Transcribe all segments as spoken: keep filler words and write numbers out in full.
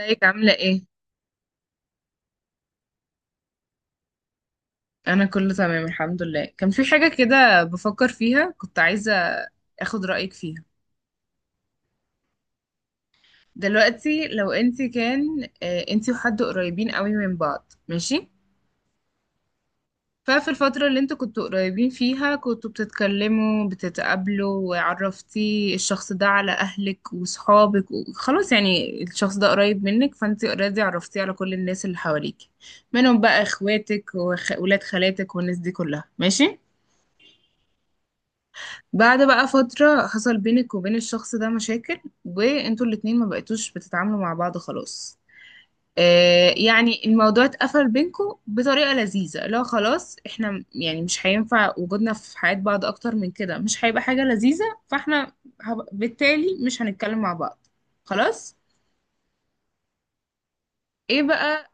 ازيك عاملة ايه؟ أنا كله تمام الحمد لله. كان في حاجة كده بفكر فيها، كنت عايزة اخد رأيك فيها. دلوقتي لو انت كان آه، انت وحد قريبين قوي من بعض، ماشي؟ ففي الفترة اللي انتوا كنتوا قريبين فيها كنتوا بتتكلموا بتتقابلوا، وعرفتي الشخص ده على أهلك وصحابك وخلاص، يعني الشخص ده قريب منك، فانت اوريدي عرفتيه على كل الناس اللي حواليك، منهم بقى اخواتك وولاد خالاتك والناس دي كلها، ماشي؟ بعد بقى فترة حصل بينك وبين الشخص ده مشاكل، وانتوا الاتنين ما بقيتوش بتتعاملوا مع بعض خلاص. آه يعني الموضوع اتقفل بينكوا بطريقة لذيذة، لو خلاص احنا م- يعني مش هينفع وجودنا في حياة بعض اكتر من كده، مش هيبقى حاجة لذيذة، فاحنا هب- بالتالي مش هنتكلم مع بعض خلاص. ايه بقى؟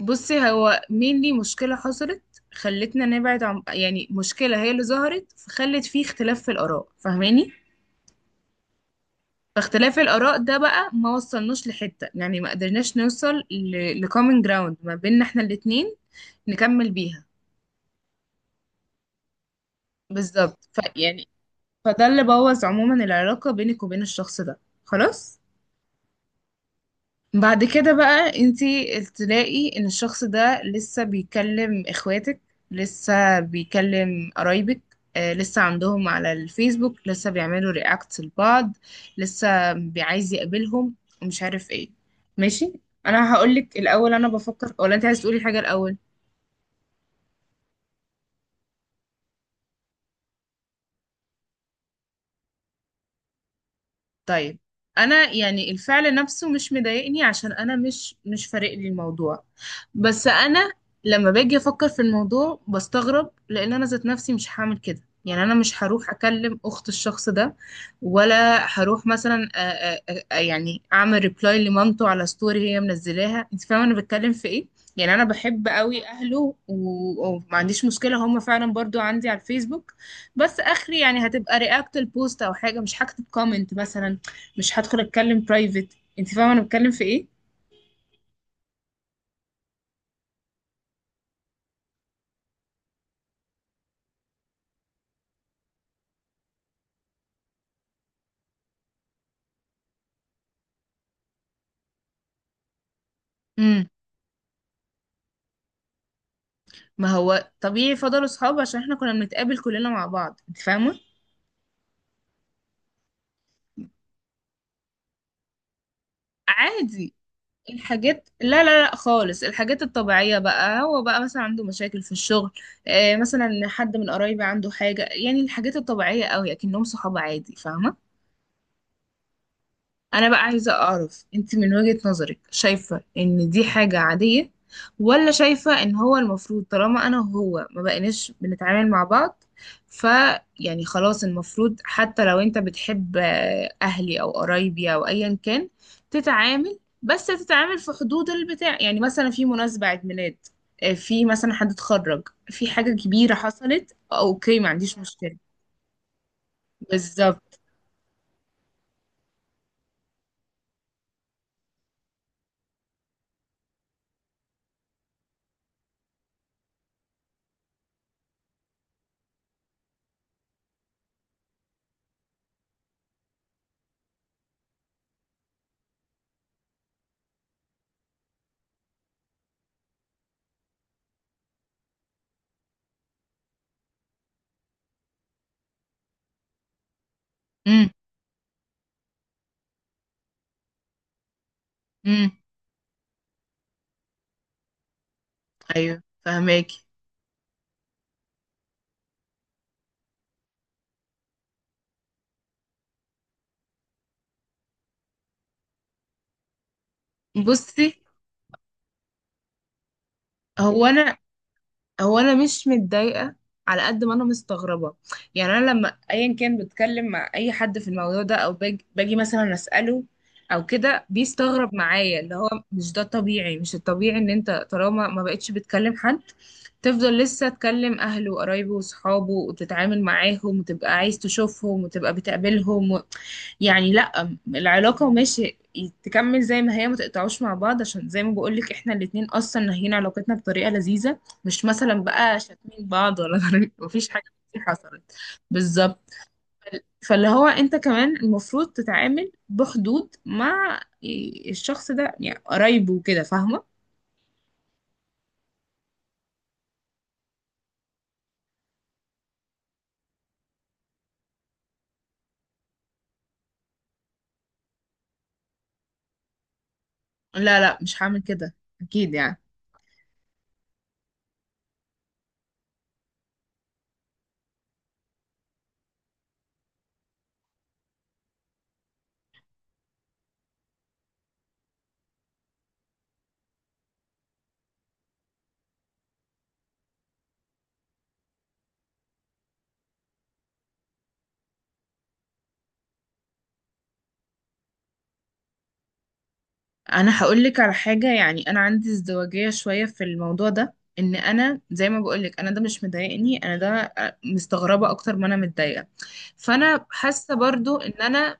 بصي، هو mainly مشكلة حصلت خلتنا نبعد، عن يعني مشكلة هي اللي ظهرت فخلت فيه اختلاف في الآراء، فاهماني؟ فاختلاف الآراء ده بقى ما وصلناش لحتة، يعني ما قدرناش نوصل لكومن جراوند ما بيننا احنا الاتنين نكمل بيها. بالظبط، فيعني فده اللي بوظ عموما العلاقة بينك وبين الشخص ده خلاص. بعد كده بقى انتي تلاقي ان الشخص ده لسه بيكلم اخواتك، لسه بيكلم قرايبك، آه، لسه عندهم على الفيسبوك، لسه بيعملوا رياكت لبعض، لسه بيعايز يقابلهم، ومش عارف ايه، ماشي؟ انا هقولك الاول انا بفكر، ولا انت عايز تقولي حاجة الاول؟ طيب، انا يعني الفعل نفسه مش مضايقني، عشان انا مش مش فارق لي الموضوع، بس انا لما باجي افكر في الموضوع بستغرب، لان انا ذات نفسي مش هعمل كده. يعني انا مش هروح اكلم اخت الشخص ده، ولا هروح مثلا أ- أ- أ- يعني اعمل ريبلاي لمامته على ستوري هي منزلاها، انت فاهمه انا بتكلم في ايه؟ يعني انا بحب قوي اهله، و- وما عنديش مشكله، هم فعلا برضو عندي على الفيسبوك. بس اخري يعني هتبقى رياكت البوست او حاجه، مش هكتب كومنت مثلا، مش هدخل اتكلم برايفت. انت فاهمه انا بتكلم في ايه؟ ما هو طبيعي فضلوا صحاب، عشان احنا كنا بنتقابل كلنا مع بعض، انت فاهمه. عادي الحاجات، لا لا لا خالص الحاجات الطبيعية بقى، هو بقى مثلا عنده مشاكل في الشغل، آه مثلا حد من قرايبي عنده حاجة، يعني الحاجات الطبيعية قوي، اكنهم صحاب عادي، فاهمة. انا بقى عايزة اعرف انت من وجهة نظرك شايفة ان دي حاجة عادية، ولا شايفة ان هو المفروض طالما انا وهو ما بقيناش بنتعامل مع بعض، ف يعني خلاص المفروض حتى لو انت بتحب آه، اهلي او قرايبي او ايا كان، تتعامل بس تتعامل في حدود البتاع، يعني مثلا في مناسبة عيد ميلاد، آه، في مثلا حد اتخرج، في حاجة كبيرة حصلت، اوكي ما عنديش مشكلة. بالظبط. امم امم ايوه فهماكي. بصي، هو انا هو انا مش متضايقه، على قد ما انا مستغربه. يعني انا لما ايا كان بتكلم مع اي حد في الموضوع ده او باجي, باجي مثلا اساله او كده، بيستغرب معايا اللي هو مش ده طبيعي، مش الطبيعي ان انت طالما ما بقتش بتكلم حد تفضل لسه تكلم أهله وقرايبه وصحابه وتتعامل معاهم وتبقى عايز تشوفهم وتبقى بتقابلهم و... يعني لأ، العلاقة ماشي تكمل زي ما هي، ما تقطعوش مع بعض، عشان زي ما بقولك احنا الاتنين أصلا ناهيين علاقتنا بطريقة لذيذة، مش مثلا بقى شاتمين بعض ولا مفيش حاجة كتير حصلت، بالظبط. فاللي هو انت كمان المفروض تتعامل بحدود مع الشخص ده، يعني قرايبه وكده، فاهمة؟ لا لا مش هعمل كده أكيد يعني. انا هقول لك على حاجه، يعني انا عندي ازدواجيه شويه في الموضوع ده، ان انا زي ما بقول لك انا ده مش مضايقني، انا ده مستغربه اكتر ما انا متضايقه. فانا حاسه برضو ان انا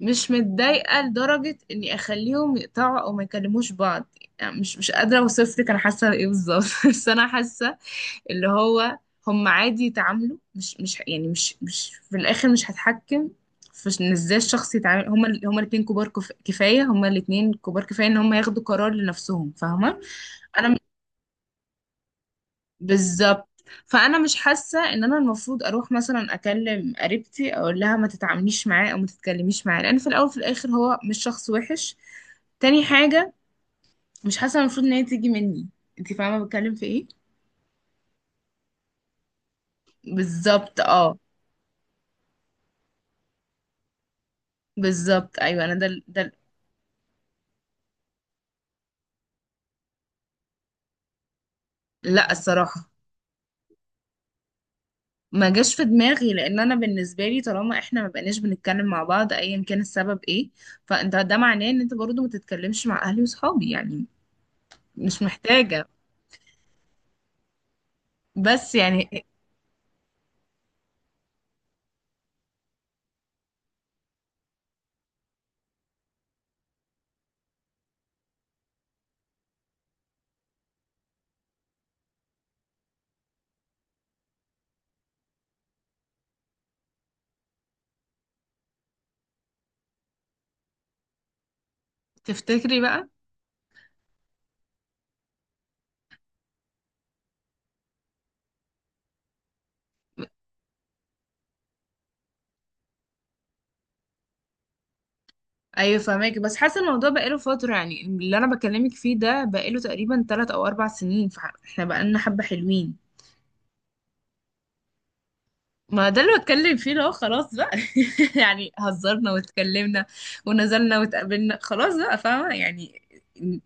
مش متضايقه لدرجه اني اخليهم يقطعوا او ما يكلموش بعض، يعني مش مش قادره اوصف لك انا حاسه ايه بالظبط بس انا حاسه اللي هو هم عادي يتعاملوا، مش مش يعني مش مش في الاخر مش هتحكم في ان ازاي الشخص يتعامل. هما ال- هما الاتنين كبار كف... كفاية، هما الاتنين كبار كفاية ان هما ياخدوا قرار لنفسهم، فاهمة. انا م- بالظبط. فانا مش حاسة ان انا المفروض اروح مثلا اكلم قريبتي اقول لها ما تتعامليش معاه او ما تتكلميش معاه، لان في الاول وفي الاخر هو مش شخص وحش. تاني حاجة، مش حاسة المفروض ان هي تيجي مني، انت فاهمة بتكلم في ايه. بالظبط اه. بالظبط ايوه انا ده ده. لا الصراحة ما جاش في دماغي، لان انا بالنسبة لي طالما احنا ما بقيناش بنتكلم مع بعض ايا كان السبب ايه، فانت ده معناه ان انت برضو ما تتكلمش مع اهلي وصحابي يعني، مش محتاجة. بس يعني تفتكري بقى؟ ايوه فهماكي، بس حاسة الموضوع بقاله فترة، يعني اللي انا بكلمك فيه ده بقاله تقريبا ثلاث او أربع سنين، فاحنا بقالنا حبة حلوين. ما ده اللي بتكلم فيه، لو خلاص بقى يعني هزرنا واتكلمنا ونزلنا واتقابلنا خلاص بقى، فاهمة يعني.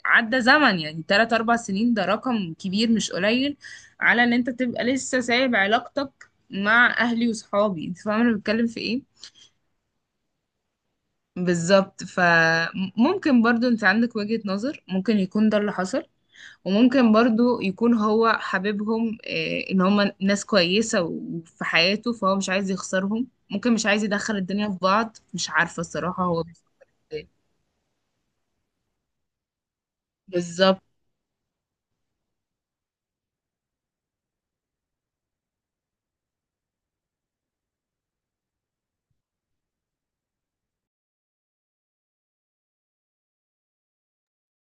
عدى زمن يعني تلات أربع سنين، ده رقم كبير مش قليل، على إن أنت تبقى لسه سايب علاقتك مع أهلي وصحابي، أنت فاهمة أنا بتكلم في إيه؟ بالظبط. فممكن برضو أنت عندك وجهة نظر، ممكن يكون ده اللي حصل، وممكن برضو يكون هو حبيبهم. آه، ان هم ناس كويسة وفي حياته، فهو مش عايز يخسرهم، ممكن مش عايز يدخل الدنيا في بعض، مش عارفة الصراحة هو بيفكر إيه. بالظبط.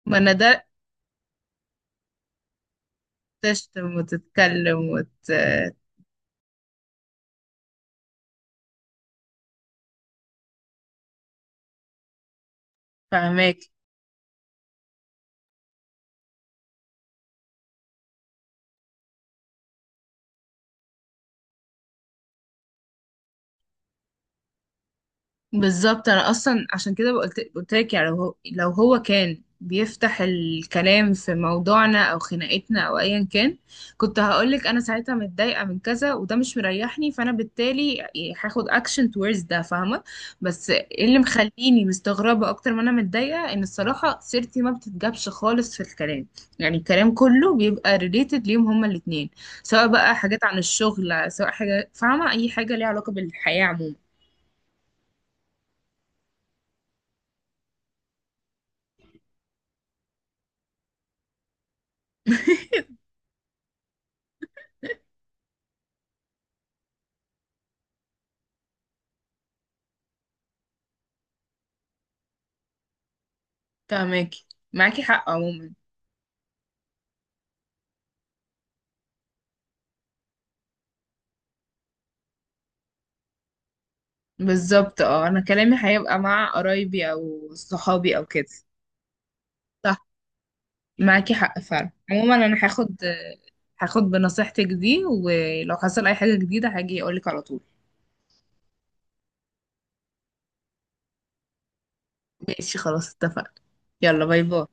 ما انا ده تشتم وتتكلم وت... فهماك. بالظبط. انا اصلا عشان كده قلت قلت لك، يعني لو هو لو هو كان بيفتح الكلام في موضوعنا او خناقتنا او ايا كان، كنت هقولك انا ساعتها متضايقه من كذا وده مش مريحني، فانا بالتالي يعني هاخد اكشن towards ده، فاهمه. بس إيه اللي مخليني مستغربه اكتر ما انا متضايقه، ان الصراحه سيرتي ما بتتجابش خالص في الكلام، يعني الكلام كله بيبقى ريليتد ليهم هما الاتنين، سواء بقى حاجات عن الشغل، سواء حاجه فاهمه، اي حاجه ليها علاقه بالحياه عموما. فاهماكي، معاكي حق عموما. بالظبط اه، انا كلامي هيبقى مع قرايبي او صحابي او كده. صح، معاكي حق فعلا عموما. انا هاخد هاخد بنصيحتك دي، ولو حصل اي حاجة جديدة هاجي اقولك على طول. ماشي خلاص اتفقنا، يلا باي باي.